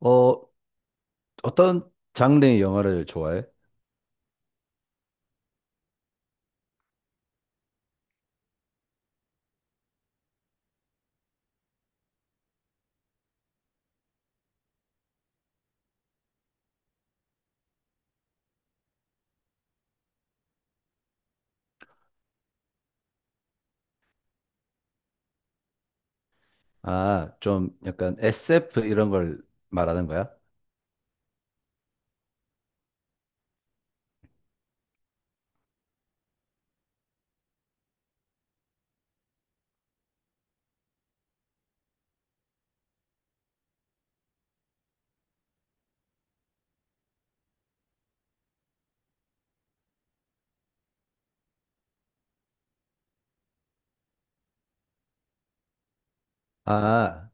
어, 어떤 장르의 영화를 좋아해? 아, 좀 약간 SF 이런 걸 말하는 거야? 아,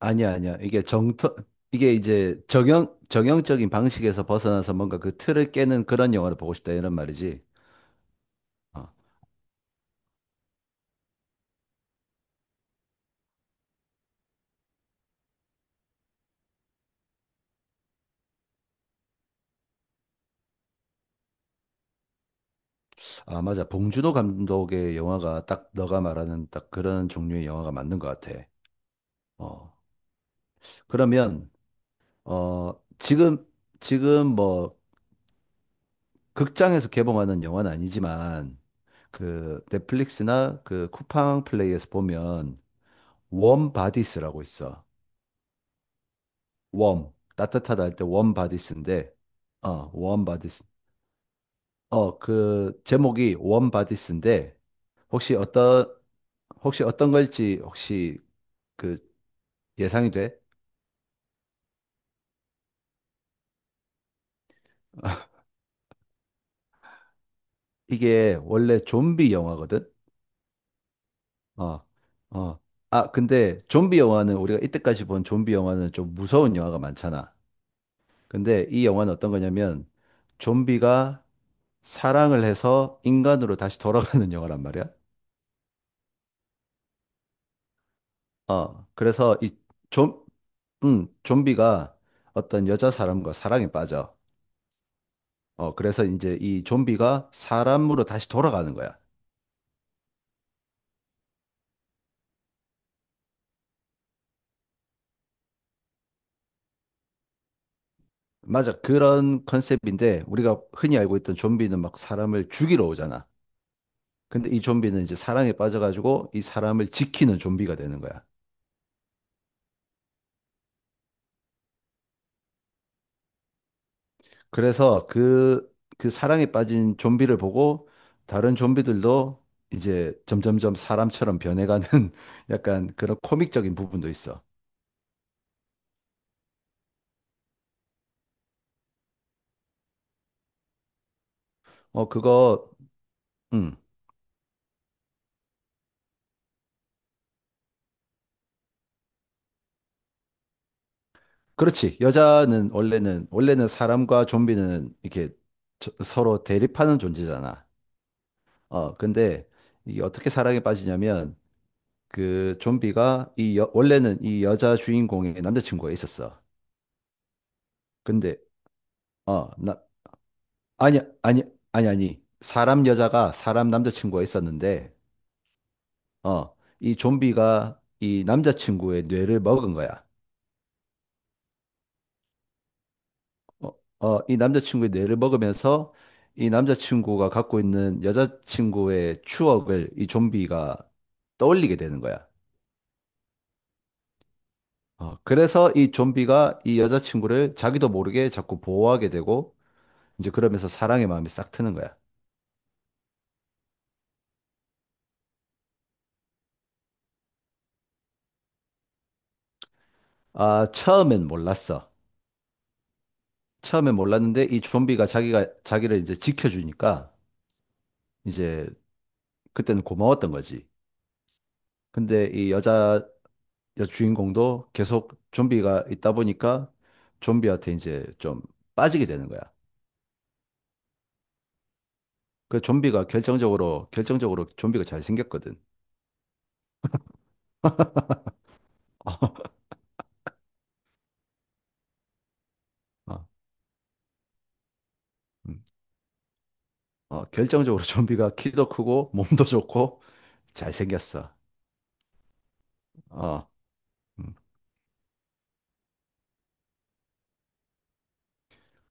아니야, 아니야. 이게 이제 정형적인 방식에서 벗어나서 뭔가 그 틀을 깨는 그런 영화를 보고 싶다 이런 말이지. 어. 아, 맞아. 봉준호 감독의 영화가 딱 너가 말하는 딱 그런 종류의 영화가 맞는 것 같아. 어. 그러면, 어, 지금, 지금 뭐, 극장에서 개봉하는 영화는 아니지만, 그 넷플릭스나 그 쿠팡 플레이에서 보면 웜 바디스라고 있어. 웜. 따뜻하다 할 때 웜 바디스인데 어, 웜 바디스. 어, 그 제목이 웜 바디스인데 혹시 어떤, 혹시 어떤 걸지 혹시 그 예상이 돼? 이게 원래 좀비 영화거든. 어. 어. 아, 근데 좀비 영화는 우리가 이때까지 본 좀비 영화는 좀 무서운 영화가 많잖아. 근데 이 영화는 어떤 거냐면 좀비가 사랑을 해서 인간으로 다시 돌아가는 영화란 말이야. 어, 그래서 이 좀, 좀비가 어떤 여자 사람과 사랑에 빠져. 어, 그래서 이제 이 좀비가 사람으로 다시 돌아가는 거야. 맞아. 그런 컨셉인데 우리가 흔히 알고 있던 좀비는 막 사람을 죽이러 오잖아. 근데 이 좀비는 이제 사랑에 빠져가지고 이 사람을 지키는 좀비가 되는 거야. 그래서 그, 그 사랑에 빠진 좀비를 보고 다른 좀비들도 이제 점점점 사람처럼 변해가는 약간 그런 코믹적인 부분도 있어. 어, 그거, 음, 그렇지. 원래는 사람과 좀비는 이렇게 서로 대립하는 존재잖아. 어, 근데 이게 어떻게 사랑에 빠지냐면 그 좀비가 원래는 이 여자 주인공의 남자친구가 있었어. 근데, 어, 나, 아니, 아니, 아니, 아니. 사람 여자가 사람 남자친구가 있었는데, 어, 이 좀비가 이 남자친구의 뇌를 먹은 거야. 어, 이 남자친구의 뇌를 먹으면서 이 남자친구가 갖고 있는 여자친구의 추억을 이 좀비가 떠올리게 되는 거야. 어, 그래서 이 좀비가 이 여자친구를 자기도 모르게 자꾸 보호하게 되고, 이제 그러면서 사랑의 마음이 싹 트는 거야. 아, 처음엔 몰랐어. 처음엔 몰랐는데 이 좀비가 자기를 이제 지켜주니까, 이제 그때는 고마웠던 거지. 근데 이 여자, 여주인공도 계속 좀비가 있다 보니까 좀비한테 이제 좀 빠지게 되는 거야. 그 좀비가 결정적으로 좀비가 잘 생겼거든. 어, 음. 어, 결정적으로 좀비가 키도 크고 몸도 좋고 잘 생겼어. 어, 음.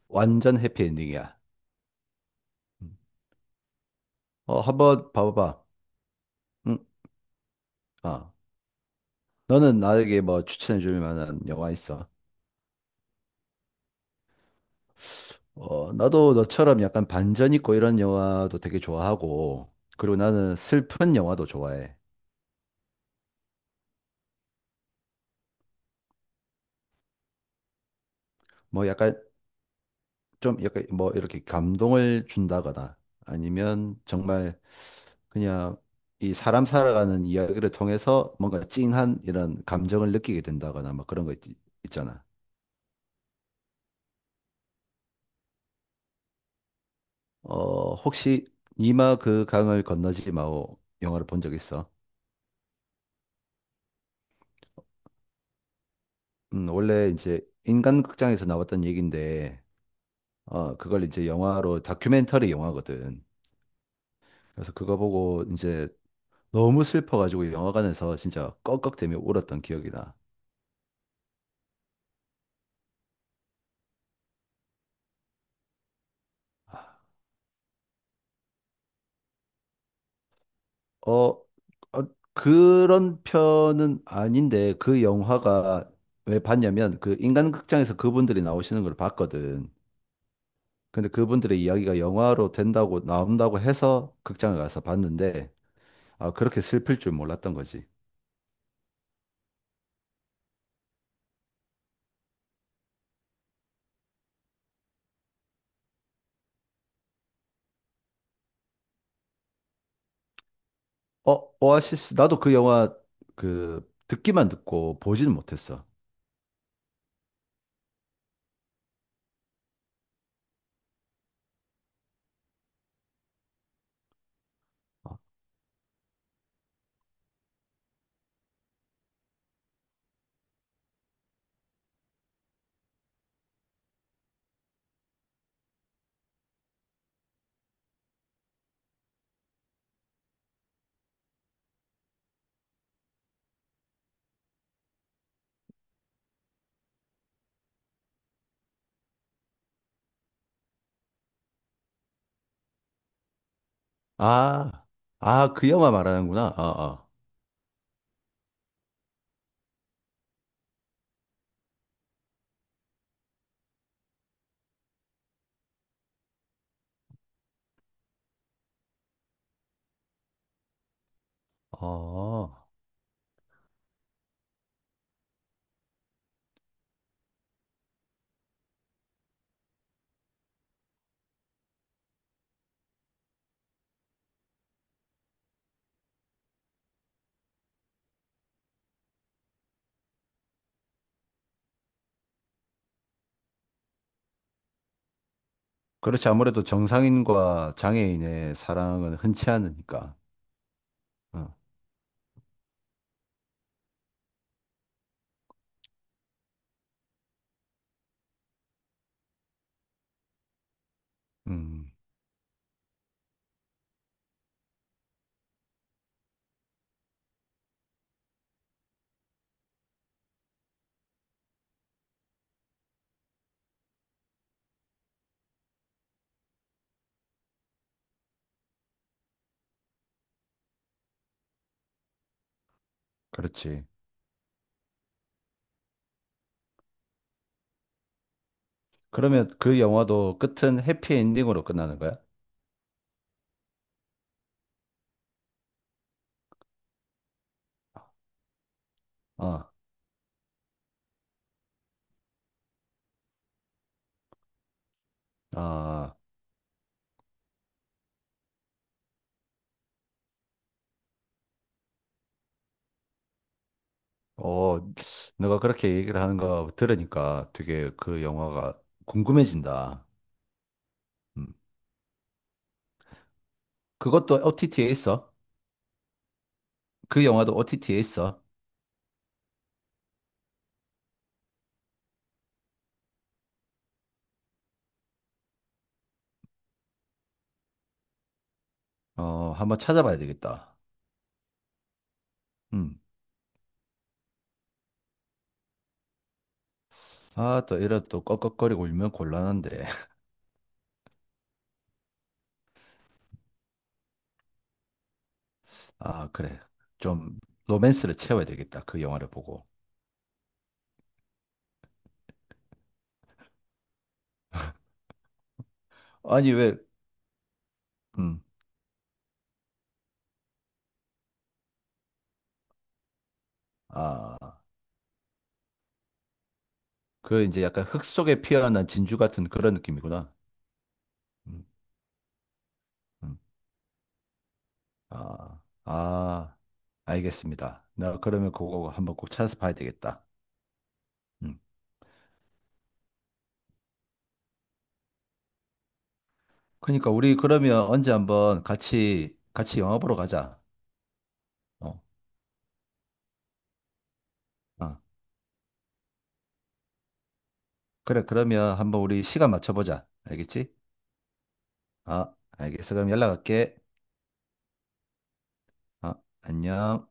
완전 해피엔딩이야. 음. 어, 한번 봐봐봐. 응? 어. 너는 나에게 뭐 추천해 줄 만한 영화 있어? 어, 나도 너처럼 약간 반전 있고 이런 영화도 되게 좋아하고, 그리고 나는 슬픈 영화도 좋아해. 뭐 약간 좀 약간 뭐 이렇게 감동을 준다거나 아니면 정말 그냥 이 사람 살아가는 이야기를 통해서 뭔가 찡한 이런 감정을 느끼게 된다거나 뭐 그런 거 있, 잖아. 어, 혹시 니마 그 강을 건너지 마오 영화를 본 적 있어? 원래 이제 인간극장에서 나왔던 얘기인데 어, 그걸 이제 영화로 다큐멘터리 영화거든. 그래서 그거 보고 이제 너무 슬퍼가지고 영화관에서 진짜 꺽꺽대며 울었던 기억이 나. 어, 어, 그런 편은 아닌데 그 영화가 왜 봤냐면 그 인간극장에서 그분들이 나오시는 걸 봤거든. 근데 그분들의 이야기가 영화로 된다고 나온다고 해서 극장에 가서 봤는데 아, 그렇게 슬플 줄 몰랐던 거지. 어, 오아시스 나도 그 영화 그 듣기만 듣고 보지는 못했어. 아, 아, 그 영화 말하는구나. 아, 아. 어. 그렇지. 아무래도 정상인과 장애인의 사랑은 흔치 않으니까. 어. 음, 그렇지. 그러면 그 영화도 끝은 해피엔딩으로 끝나는 거야? 아, 아, 어, 너가 그렇게 얘기를 하는 거 들으니까 되게 그 영화가 궁금해진다. 음. 그것도 OTT에 있어? 그 영화도 OTT에 있어? 어, 한번 찾아봐야 되겠다. 음. 아, 또 이래 또 꺽꺽거리고 울면 곤란한데. 아, 그래. 좀 로맨스를 채워야 되겠다. 그 영화를 보고. 아니, 왜, 음, 아, 그 이제 약간 흙 속에 피어난 진주 같은 그런 느낌이구나. 음, 음. 아, 아, 알겠습니다. 나 그러면 그거 한번 꼭 찾아서 봐야 되겠다. 음. 그러니까 우리 그러면 언제 한번 같이, 같이 영화 보러 가자. 어, 아, 그래. 그러면 한번 우리 시간 맞춰보자. 알겠지? 아, 알겠어. 그럼 연락할게. 아, 안녕.